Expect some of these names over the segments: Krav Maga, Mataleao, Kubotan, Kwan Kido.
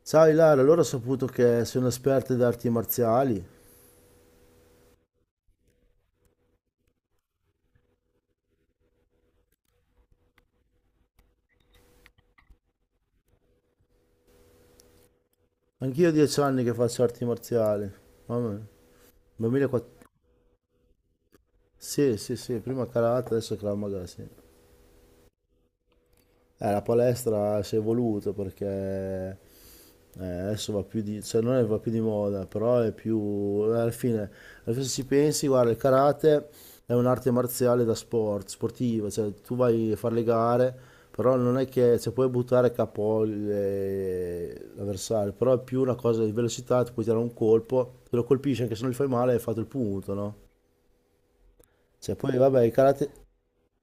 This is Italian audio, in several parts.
Sai Lara, allora ho saputo che sono esperta di arti marziali. Anch'io ho 10 anni che faccio arti marziali. Mamma mia. 2004. Sì, sì, sì, prima karate, adesso Krav Maga, sì. La palestra si è evoluta perché adesso va più di, cioè non è va più di moda, però è più, alla fine, se ci pensi, guarda, il karate è un'arte marziale da sport, sportiva, cioè tu vai a fare le gare, però non è che, cioè puoi buttare capo l'avversario, però è più una cosa di velocità, ti puoi tirare un colpo, te lo colpisci anche se non gli fai male, hai fatto il punto, no? Cioè poi vabbè, il karate.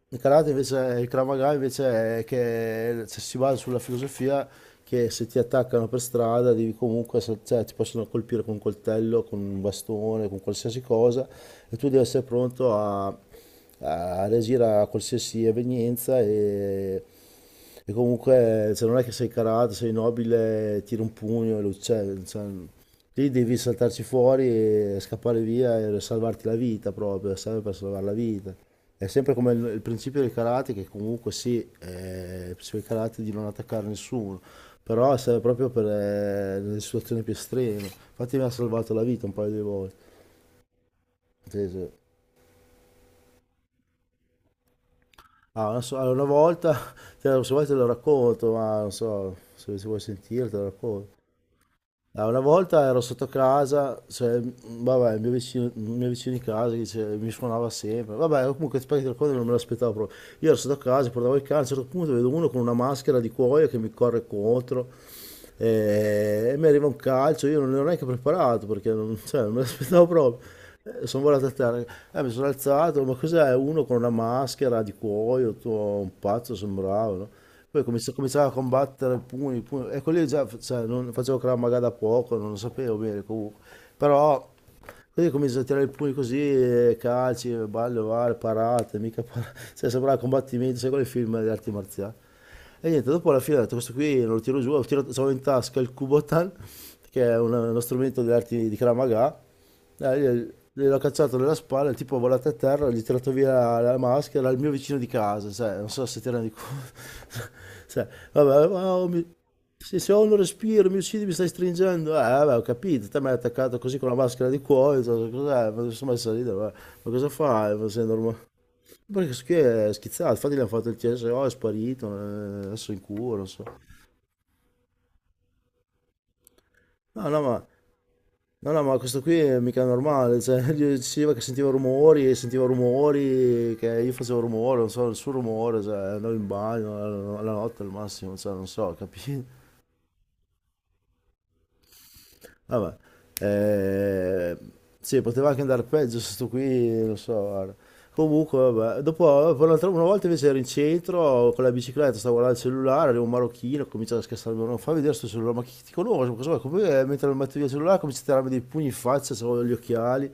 Il karate invece, il Krav Maga invece è che cioè, si basa sulla filosofia che se ti attaccano per strada devi comunque, cioè, ti possono colpire con un coltello, con un bastone, con qualsiasi cosa e tu devi essere pronto a, a reagire a qualsiasi evenienza e comunque cioè, non è che sei karate, sei nobile, tiri un pugno e lo uccidi, cioè, lì devi saltarci fuori e scappare via e salvarti la vita proprio, serve per salvare la vita. È sempre come il principio del karate, che comunque sì, il principio del karate è di non attaccare nessuno, però serve proprio per le situazioni più estreme. Infatti mi ha salvato la vita un paio di volte. Sì, sì. Ah, allora, una volta, se vuoi te lo racconto, ma non so se vuoi sentire te lo racconto. Ah, una volta ero sotto casa, cioè, vabbè, il mio vicino di casa mi suonava sempre. Vabbè, comunque ti racconto, che non me l'aspettavo proprio. Io ero sotto casa, portavo il cane, a un certo punto vedo uno con una maschera di cuoio che mi corre contro e, mi arriva un calcio. Io non ero neanche preparato perché non, cioè, non me l'aspettavo proprio. Sono volato a terra, mi sono alzato, ma cos'è? Uno con una maschera di cuoio, tutto un pazzo sembrava, no? Poi cominciava a combattere, pugni, pugni. Ecco lì già cioè, non, facevo Krav Maga da poco, non lo sapevo bene comunque. Però così comincio a tirare i pugni così, calci, ballo, vale, parate, mica parate. Cioè, sembrava combattimento, sai quali film di arti marziali. E niente, dopo alla fine ho detto, questo qui non lo tiro giù, ho tirato, avevo in tasca il Kubotan, che è uno strumento di arti di Krav Maga, io gliel'ho cacciato nella spalla, il tipo è volato a terra, gli ho tirato via la maschera, il mio vicino di casa, cioè, non so se ti rendi conto. Cioè, vabbè, wow, se ho un respiro mi uccidi, mi stai stringendo. Vabbè, ho capito, te mi hai attaccato così con la maschera di cuoio, cioè, cos'è? Ma sono messo a ridere, ma cosa fai? Ma sei normale. Perché questo qui è schizzato, infatti gli hanno fatto il CSO, è sparito, adesso è in cura, non so. No, no, ma questo qui è mica normale, cioè, gli diceva che sentiva rumori, e sentiva rumori, che io facevo rumore, non so, il suo rumore, cioè, andavo in bagno, alla notte al massimo, cioè, non so, capito? Vabbè, eh, sì, poteva anche andare peggio, sto qui, non so, guarda. Comunque, vabbè, dopo, poi una volta invece ero in centro, con la bicicletta, stavo guardando il cellulare, arriva un marocchino, comincia a scassarmi, non fa vedere sto cellulare, ma chi ti conosce, ma cosa vuoi? Come, mentre mi metto via il cellulare, comincia a tirarmi dei pugni in faccia, avevo gli occhiali.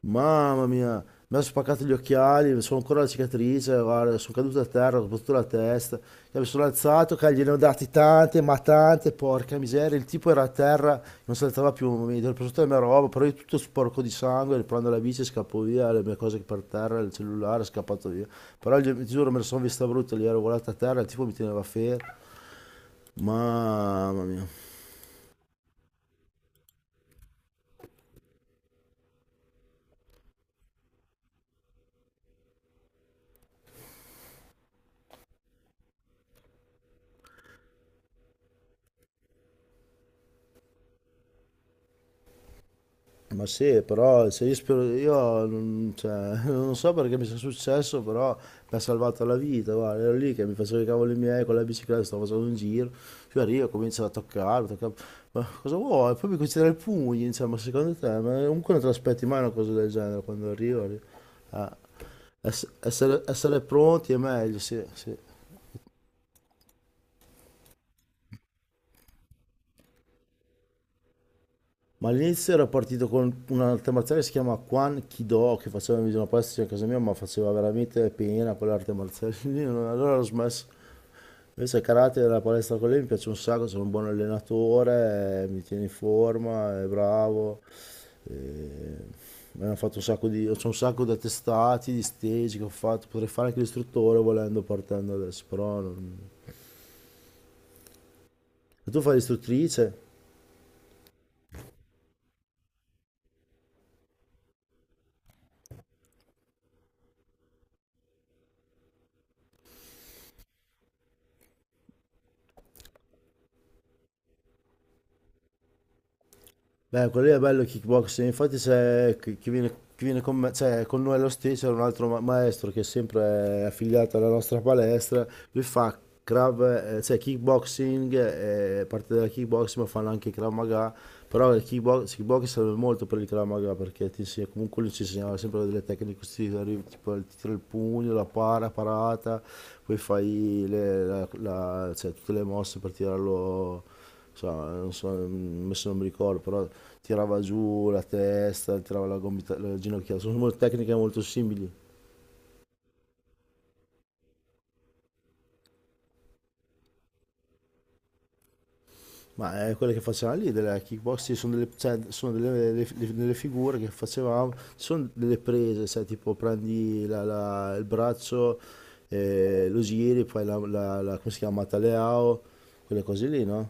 Mamma mia, mi ha spaccato gli occhiali, sono ancora la cicatrice, guarda, sono caduto a terra, ho sbattuto la testa, che mi sono alzato, che gliene ho dati tante, ma tante, porca miseria, il tipo era a terra, non saltava più, mi ero preso tutta la mia roba, però io tutto sporco di sangue, riprendo la bici, scappo via, le mie cose per terra, il cellulare, è scappato via, ti giuro me la sono vista brutta, lì ero volato a terra, il tipo mi teneva fermo, mamma mia. Ma sì, però se io, spero, io non, cioè, non so perché mi sia successo, però mi ha salvato la vita. Guarda, ero lì che mi facevo i cavoli miei con la bicicletta, stavo facendo un giro, più arrivo, comincia a toccare, toccare. Ma cosa vuoi? Poi mi comincia a dare i pugni, insomma, ma secondo te, ma comunque non te l'aspetti mai una cosa del genere quando arrivo. Essere pronti è meglio, sì, sì. Ma all'inizio ero partito con un'arte marziale che si chiama Kwan Kido, che faceva in una palestra vicino a casa mia, ma faceva veramente pena quell'arte marziale lì, allora ho smesso. Invece il karate della palestra con lei mi piace un sacco, sono un buon allenatore, mi tiene in forma, è bravo. eh, Mi hanno fatto un sacco di, c'ho un sacco di attestati, di stage che ho fatto, potrei fare anche l'istruttore volendo partendo adesso. Però non- E tu fai l'istruttrice? Beh, quello lì è bello il kickboxing, infatti c'è chi viene, chi viene con me, cioè con noi allo stesso, c'è un altro maestro che è sempre affiliato alla nostra palestra, lui fa Krav, cioè kickboxing, parte della kickboxing, ma fanno anche Krav Maga, però il kickbox serve molto per il Krav Maga, perché ti comunque lui ci insegnava sempre delle tecniche così, arrivi, tipo il tiro il pugno, la para, parata, poi fai cioè, tutte le mosse per tirarlo, insomma, non so, adesso non mi ricordo, però tirava giù la testa, tirava la gomita, la ginocchia, sono tecniche molto simili. Ma quelle che facevamo lì della kickboxing sono, delle, cioè, sono delle, delle figure che facevamo, sono delle prese, sai, tipo prendi il braccio, lo giri, poi come si chiama, Mataleao, quelle cose lì, no?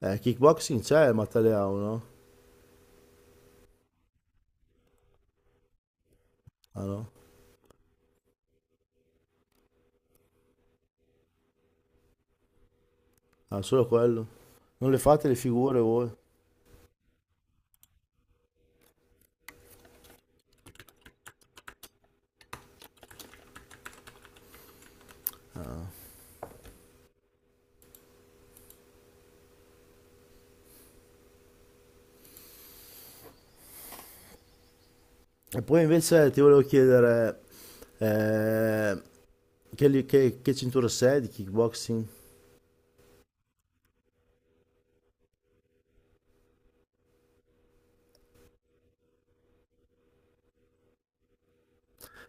Kickboxing c'è il Mataleao, no? Ah no? Ah, solo quello. Non le fate le figure voi. E poi invece ti volevo chiedere eh, che cintura sei di kickboxing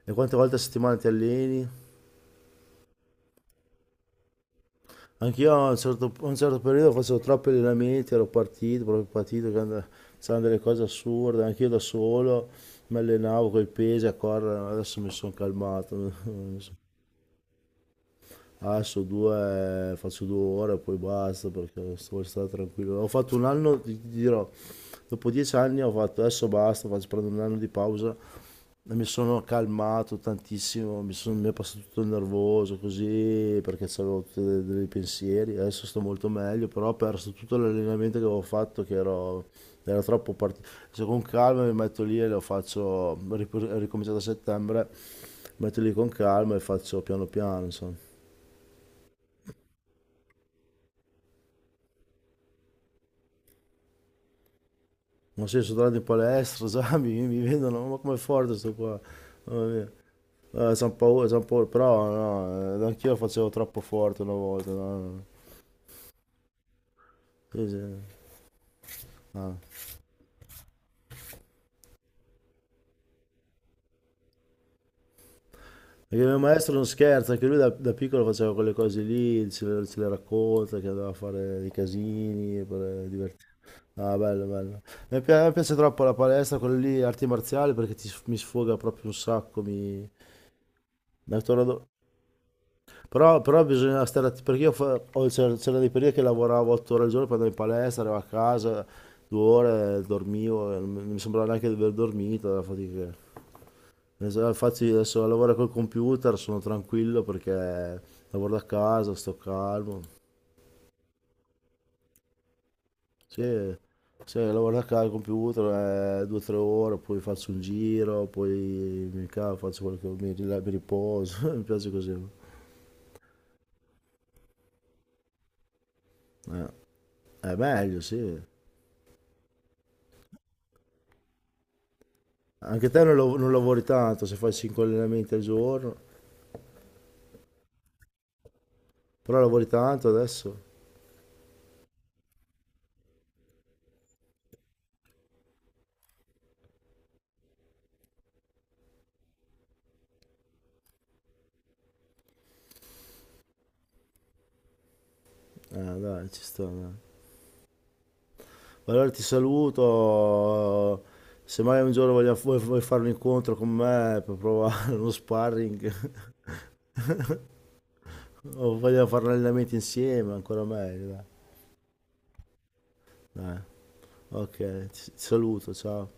e quante volte a settimana ti alleni? Anch'io a un certo periodo facevo troppi allenamenti, ero partito, proprio partito, c'erano delle cose assurde, anch'io da solo mi allenavo con i pesi a correre, adesso mi sono calmato. mi son- Adesso due, faccio 2 ore e poi basta perché voglio stare tranquillo. Ho fatto un anno, ti dirò, dopo 10 anni ho fatto, adesso basta, faccio, prendo un anno di pausa e mi sono calmato tantissimo, mi è passato tutto il nervoso così perché avevo tutti dei pensieri, adesso sto molto meglio, però ho perso tutto l'allenamento che avevo fatto che ero, era troppo partito. Se con calma mi metto lì e lo faccio, ho ricominciato a settembre, mi metto lì con calma e faccio piano piano, insomma. Ma sì, sono tornato in palestra, sai, mi vedono, ma com'è forte sto qua. Mamma mia. Son paura, son paura, però no, anch'io facevo troppo forte una volta. No, no. Sì, sì, no. Perché il mio maestro non scherza, anche lui da piccolo faceva quelle cose lì, ce le racconta, che doveva fare dei casini per divertirsi. Ah, bello, bello. Mi piace troppo la palestra, quelle lì, arti marziali, perché mi sfoga proprio un sacco, mi. Da torno. Però bisogna stare perché io fa- ho- c'era- c'erano dei periodi che lavoravo 8 ore al giorno, poi andavo in palestra, arrivavo a casa, 2 ore, dormivo, e non mi sembrava neanche di aver dormito, la fatica. Infatti adesso lavoro col computer, sono tranquillo perché lavoro da casa, sto calmo. Sì, sì, lavoro da casa al computer, 2 o 3 ore, poi faccio un giro, poi mi cavo, faccio quello che mi, mi riposo, mi piace così. È meglio, sì. Anche te non, non lavori tanto se fai 5 allenamenti al giorno, però lavori tanto adesso. Dai, ci sta. Dai. Allora ti saluto. Se mai un giorno vuoi fare un incontro con me per provare uno sparring o vogliamo fare un allenamento insieme, ancora meglio. Dai, Dai, ok, ti saluto, ciao.